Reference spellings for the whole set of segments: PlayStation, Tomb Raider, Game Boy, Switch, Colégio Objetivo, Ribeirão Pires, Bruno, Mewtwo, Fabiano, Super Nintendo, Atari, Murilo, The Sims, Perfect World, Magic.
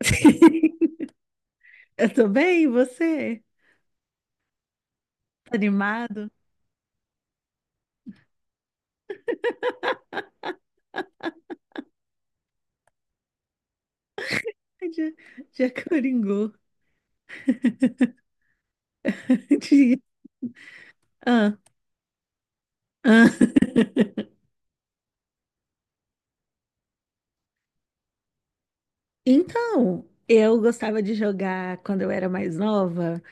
Eu tô bem, e você? Tá animado? Ai, dia Coringô. Dia- Ah, ah. Então, eu gostava de jogar quando eu era mais nova.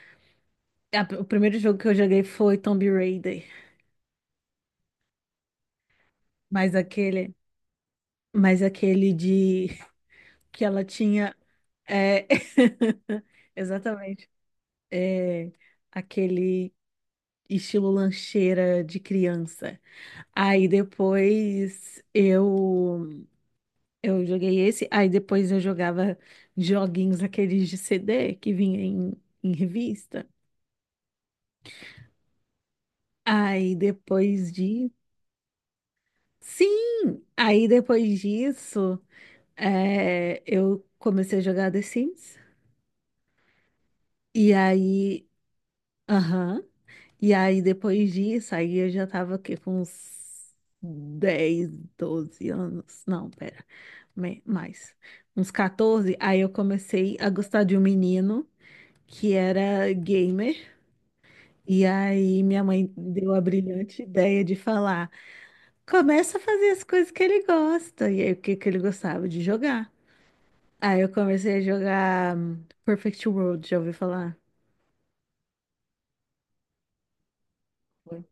O primeiro jogo que eu joguei foi Tomb Raider, mas aquele, mas aquele de que ela tinha, é, exatamente, é, aquele estilo lancheira de criança. Aí depois eu joguei esse, aí depois eu jogava joguinhos aqueles de CD que vinha em revista. Aí depois de... Sim! Aí depois disso, é, eu comecei a jogar The Sims. E aí... Aham. E aí depois disso, aí eu já tava o quê? Com uns 10, 12 anos. Não, pera. Mais, uns 14, aí eu comecei a gostar de um menino que era gamer. E aí minha mãe deu a brilhante ideia de falar: começa a fazer as coisas que ele gosta. E aí o que que ele gostava de jogar? Aí eu comecei a jogar Perfect World, já ouviu falar? Oi.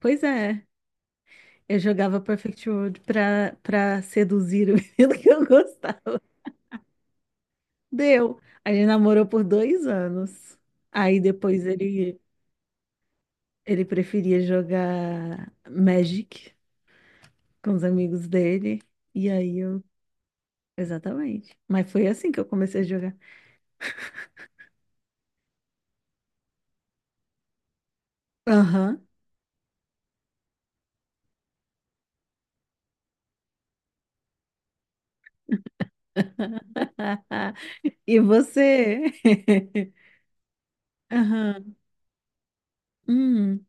Pois é, eu jogava Perfect World pra seduzir o menino que eu gostava. Deu. A gente namorou por 2 anos. Aí depois ele. Ele preferia jogar Magic com os amigos dele. E aí eu. Exatamente. Mas foi assim que eu comecei a jogar. Aham. E você? Aham. Hum.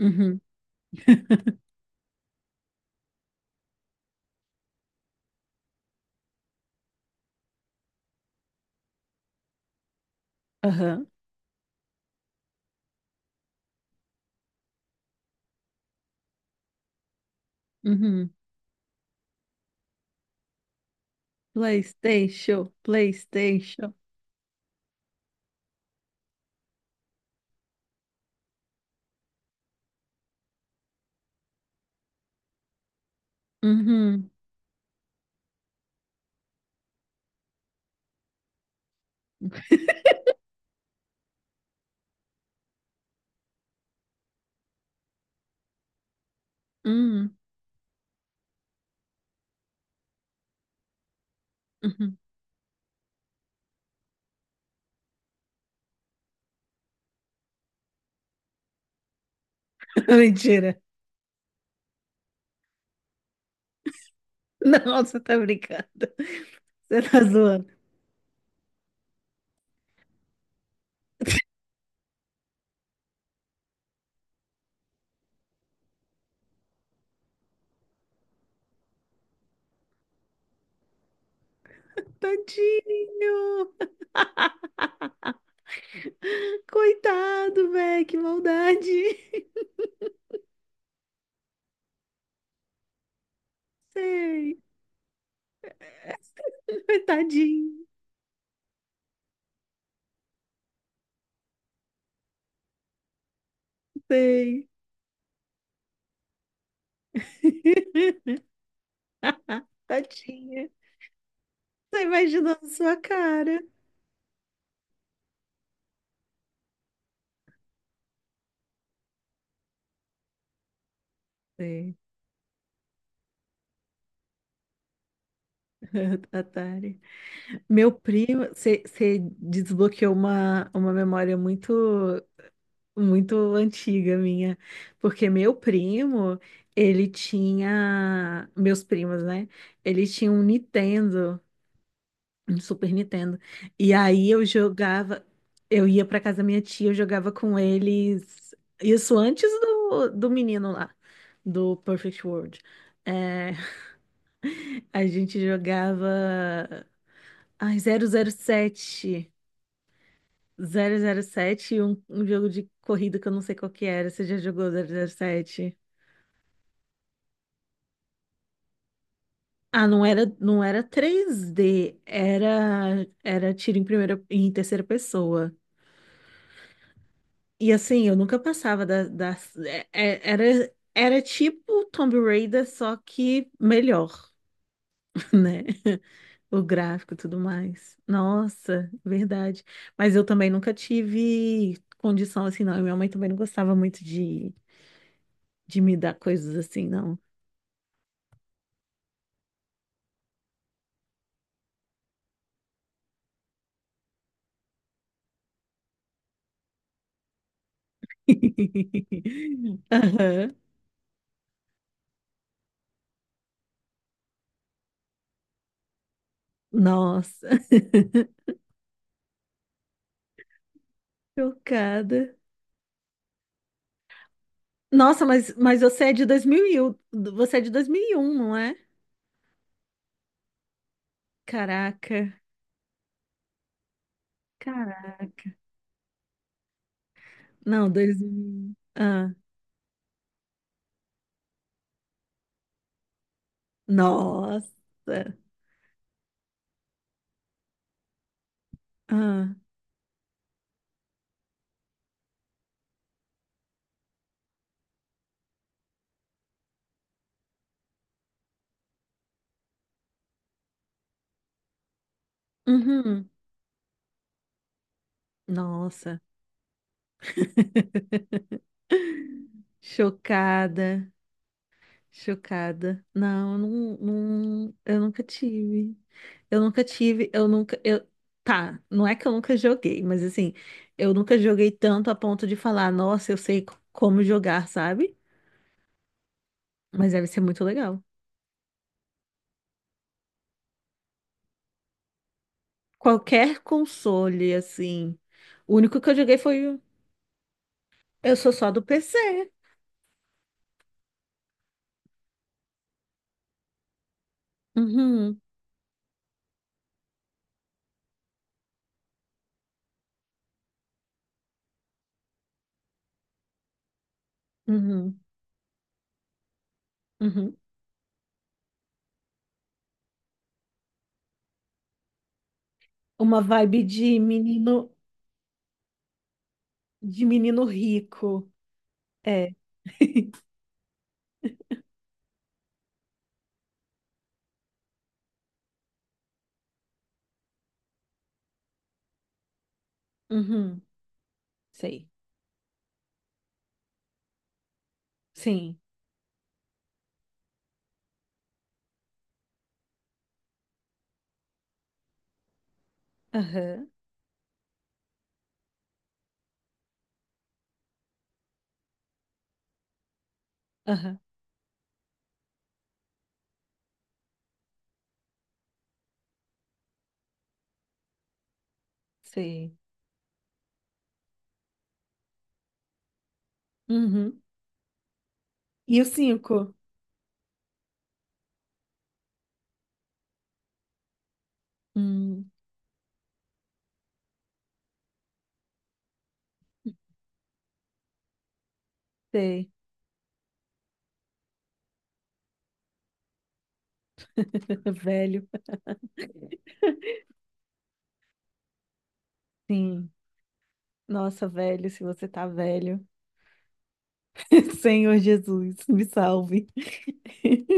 Uhum. Aham. Uhum. PlayStation. PlayStation. Uhum. Uhum. Uhum. Mentira. Não, você tá brincando. Você tá zoando. Tadinho. Coitado, velho. Que maldade. Sei. Tadinho, sei. Tadinha. Tô imaginando sua cara. Sei. Atari. Meu primo, você desbloqueou uma memória muito, muito antiga minha, porque meu primo, ele tinha, meus primos, né? Ele tinha um Nintendo. No Super Nintendo. E aí eu jogava, eu ia pra casa da minha tia, eu jogava com eles, isso antes do, do menino lá, do Perfect World. É, a gente jogava ai, 0007 007 e um jogo de corrida que eu não sei qual que era, você já jogou 007. Ah, não era, não era 3D era, era tiro em primeira, em terceira pessoa. E assim, eu nunca passava da. Era tipo Tomb Raider, só que melhor, né? O gráfico e tudo mais. Nossa, verdade. Mas eu também nunca tive condição assim, não. E minha mãe também não gostava muito de me dar coisas assim, não. Aham. Nossa, chocada. Nossa, mas você é de 2001, você é de 2001, não é? Caraca. Caraca. Não, 2000. Ah, nossa. Ah, uhum. Nossa. Chocada. Chocada. Não, eu não, não, eu nunca tive. Eu nunca tive, eu nunca, eu, tá, não é que eu nunca joguei, mas assim, eu nunca joguei tanto a ponto de falar, nossa, eu sei como jogar, sabe? Mas deve ser muito legal. Qualquer console, assim. O único que eu joguei foi, o- eu sou só do PC. Uhum, uhum, uhum. Uma vibe de menino rico. É. Uhum, sei. Sim. Aham, aham, sei. Uhum. E o cinco? Hum, sei. Velho. Sim. Nossa, velho, se você tá velho. Senhor Jesus, me salve.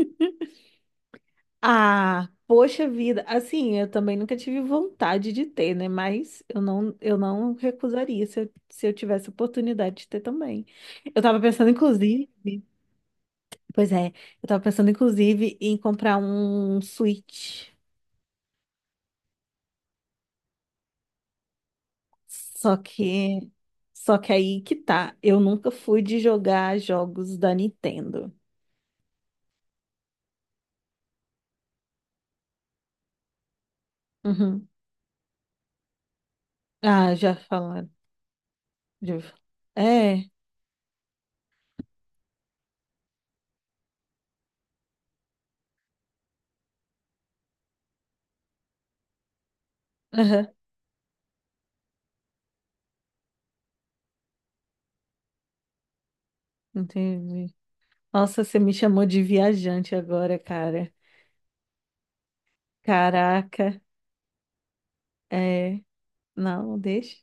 Ah, poxa vida. Assim, eu também nunca tive vontade de ter, né? Mas eu não recusaria se eu tivesse oportunidade de ter também. Eu tava pensando, inclusive, pois é, eu tava pensando, inclusive, em comprar um Switch. Só que, só que aí que tá. Eu nunca fui de jogar jogos da Nintendo. Uhum. Ah, já falaram. Já... ouvi falar. É, aham, entendi. Nossa, você me chamou de viajante agora, cara. Caraca, é. Não, deixa.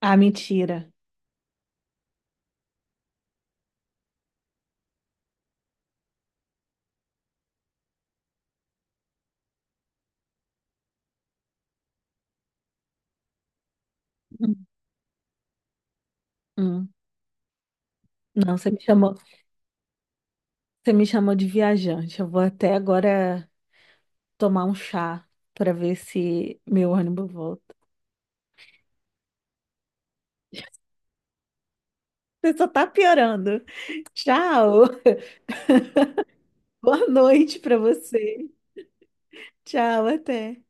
Ah, mentira. Hum. Não, você me chamou de viajante. Eu vou até agora tomar um chá para ver se meu ônibus volta. Você só tá piorando. Tchau. Boa noite para você. Tchau, até.